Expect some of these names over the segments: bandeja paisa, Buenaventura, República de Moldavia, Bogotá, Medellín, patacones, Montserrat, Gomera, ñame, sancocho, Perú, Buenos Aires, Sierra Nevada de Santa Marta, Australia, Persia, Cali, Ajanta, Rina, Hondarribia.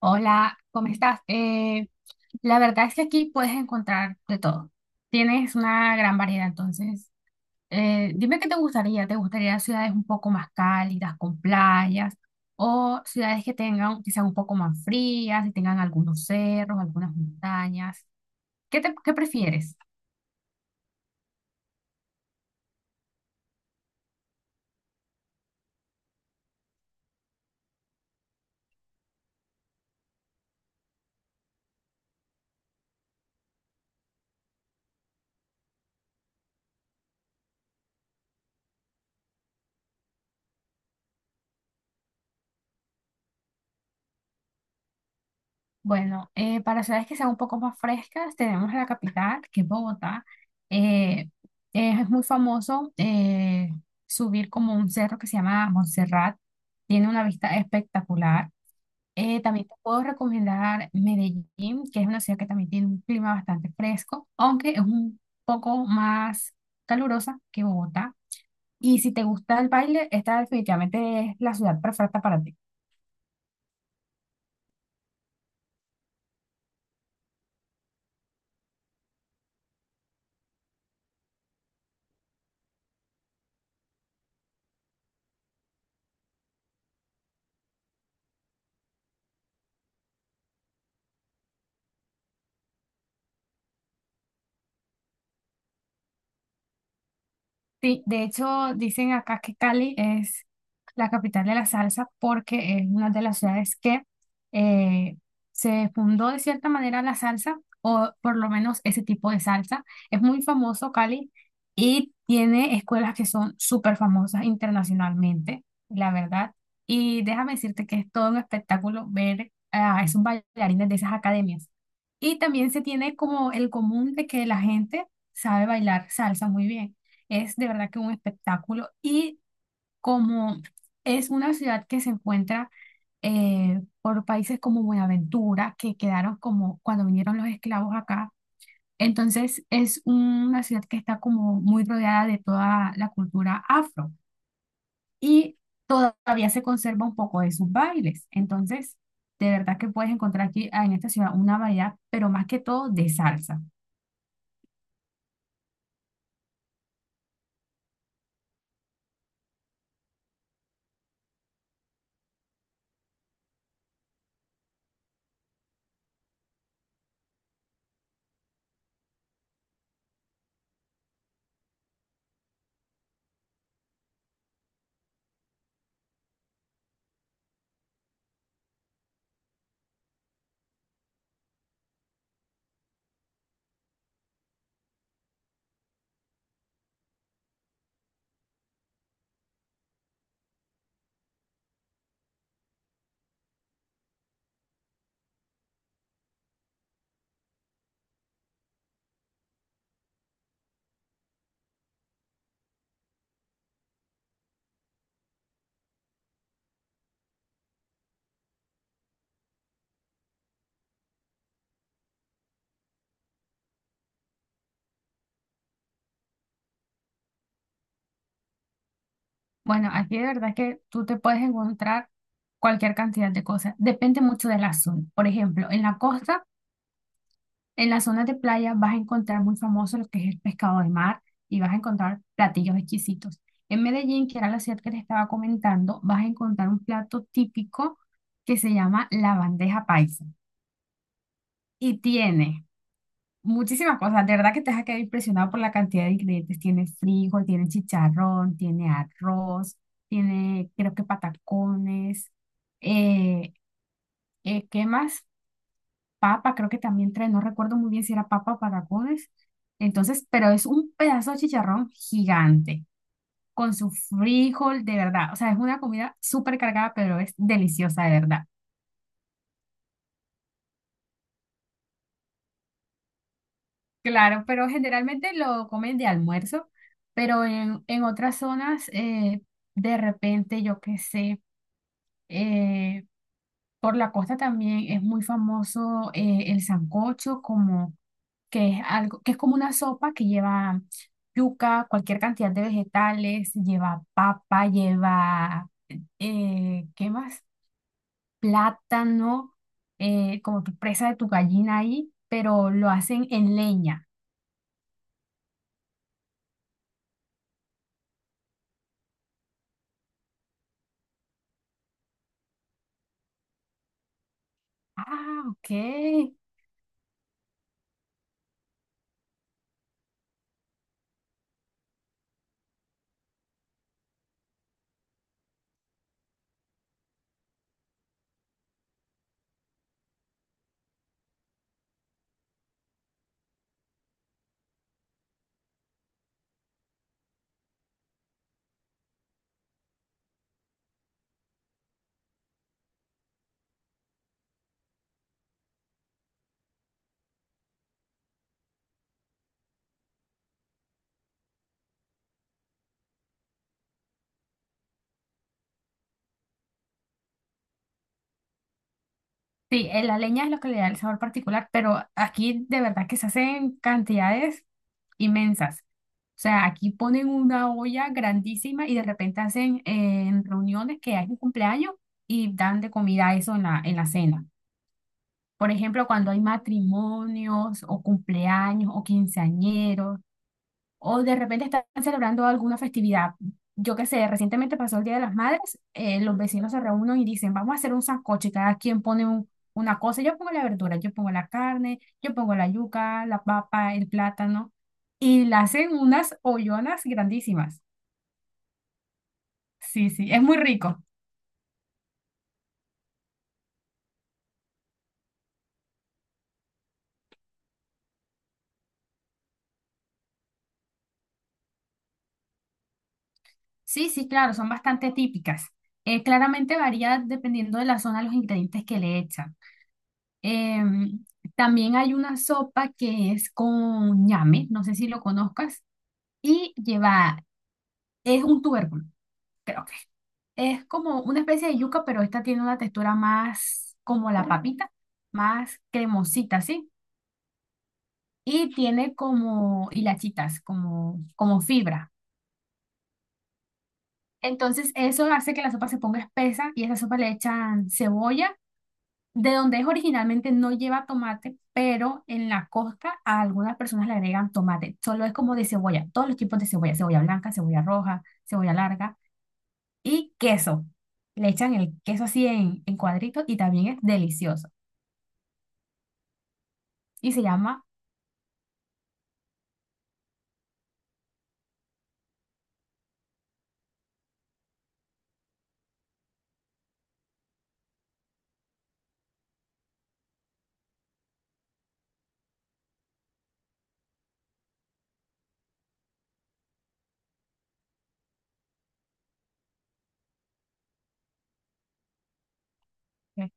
Hola, ¿cómo estás? La verdad es que aquí puedes encontrar de todo. Tienes una gran variedad, entonces, dime qué te gustaría. ¿Te gustaría ciudades un poco más cálidas, con playas, o ciudades que tengan, que sean un poco más frías y tengan algunos cerros, algunas montañas? ¿Qué prefieres? Bueno, para ciudades que sean un poco más frescas, tenemos la capital, que es Bogotá. Eh, es muy famoso subir como un cerro que se llama Montserrat. Tiene una vista espectacular. También te puedo recomendar Medellín, que es una ciudad que también tiene un clima bastante fresco, aunque es un poco más calurosa que Bogotá. Y si te gusta el baile, esta definitivamente es la ciudad perfecta para ti. Sí, de hecho, dicen acá que Cali es la capital de la salsa porque es una de las ciudades que eh, se fundó de cierta manera la salsa, o por lo menos ese tipo de salsa. Es muy famoso Cali y tiene escuelas que son súper famosas internacionalmente, la verdad. Y déjame decirte que es todo un espectáculo ver a esos bailarines de esas academias. Y también se tiene como el común de que la gente sabe bailar salsa muy bien. Es de verdad que un espectáculo y como es una ciudad que se encuentra por países como Buenaventura, que quedaron como cuando vinieron los esclavos acá, entonces es una ciudad que está como muy rodeada de toda la cultura afro y todavía se conserva un poco de sus bailes. Entonces, de verdad que puedes encontrar aquí en esta ciudad una variedad, pero más que todo de salsa. Bueno, aquí de verdad que tú te puedes encontrar cualquier cantidad de cosas. Depende mucho de la zona. Por ejemplo, en la costa. En las zonas de playa vas a encontrar muy famoso lo que es el pescado de mar y vas a encontrar platillos exquisitos. En Medellín, que era la ciudad que les estaba comentando, vas a encontrar un plato típico que se llama la bandeja paisa y tiene muchísimas cosas. De verdad que te vas a quedar impresionado por la cantidad de ingredientes. Tiene frijol, tiene chicharrón, tiene arroz, tiene creo que patacones. Eh, ¿Qué más? Papa, creo que también trae, no recuerdo muy bien si era papa o patacones. Entonces, pero es un pedazo de chicharrón gigante, con su frijol, de verdad. O sea, es una comida súper cargada, pero es deliciosa, de verdad. Claro, pero generalmente lo comen de almuerzo, pero en otras zonas, de repente, yo qué sé, eh, por la costa también es muy famoso el sancocho como que es algo, que es como una sopa que lleva yuca, cualquier cantidad de vegetales, lleva papa, lleva, ¿qué más? Plátano, como tu presa de tu gallina ahí, pero lo hacen en leña. Ah, ok. Sí, la leña es lo que le da el sabor particular, pero aquí de verdad que se hacen cantidades inmensas. O sea, aquí ponen una olla grandísima y de repente hacen en reuniones que hay un cumpleaños y dan de comida eso en en la cena. Por ejemplo, cuando hay matrimonios o cumpleaños o quinceañeros, o de repente están celebrando alguna festividad. Yo qué sé, recientemente pasó el Día de las Madres, los vecinos se reúnen y dicen, vamos a hacer un sancocho, y cada quien pone una cosa, yo pongo la verdura, yo pongo la carne, yo pongo la yuca, la papa, el plátano, y le hacen unas ollonas grandísimas. Sí, sí, es muy rico. Sí, sí, claro, son bastante típicas. Claramente varía dependiendo de la zona los ingredientes que le echan. Em, También hay una sopa que es con ñame, no sé si lo conozcas. Y lleva, es un tubérculo, creo que. Es como una especie de yuca, pero esta tiene una textura más como la papita, más cremosita, ¿sí? Y tiene como hilachitas, como, como fibra. Entonces eso hace que la sopa se ponga espesa y a esa sopa le echan cebolla, de donde es originalmente no lleva tomate, pero en la costa a algunas personas le agregan tomate. Solo es como de cebolla, todos los tipos de cebolla, cebolla blanca, cebolla roja, cebolla larga y queso. Le echan el queso así en cuadritos y también es delicioso. Y se llama, Ok.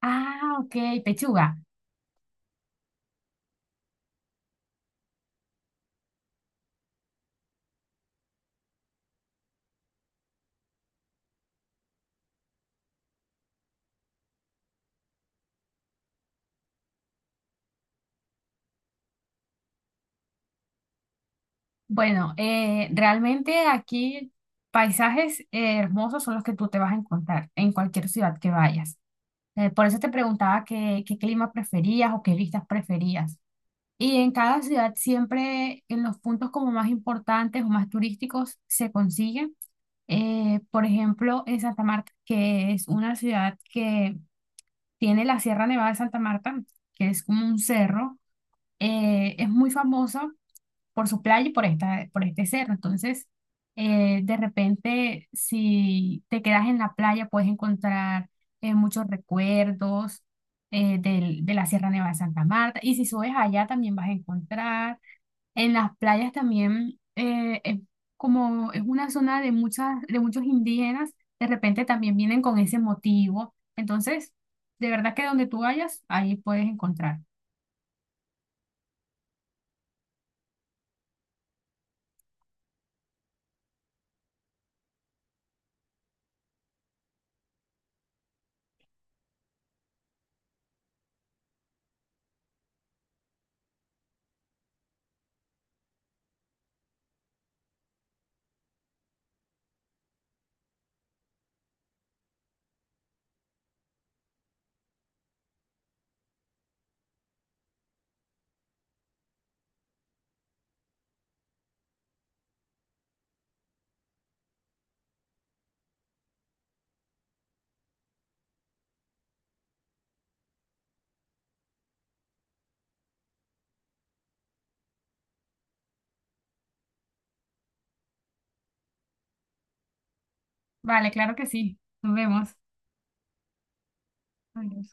Ah, ok, pechuga. Bueno, realmente aquí paisajes hermosos son los que tú te vas a encontrar en cualquier ciudad que vayas. Por eso te preguntaba qué, qué clima preferías o qué vistas preferías. Y en cada ciudad siempre en los puntos como más importantes o más turísticos se consigue. Por ejemplo, en Santa Marta, que es una ciudad que tiene la Sierra Nevada de Santa Marta, que es como un cerro. Es muy famosa por su playa y por esta, por este cerro. Entonces, de repente, si te quedas en la playa, puedes encontrar muchos recuerdos de la Sierra Nevada de Santa Marta. Y si subes allá, también vas a encontrar en las playas también es como es una zona de muchas, de muchos indígenas, de repente también vienen con ese motivo. Entonces, de verdad que donde tú vayas, ahí puedes encontrar. Vale, claro que sí. Nos vemos. Adiós.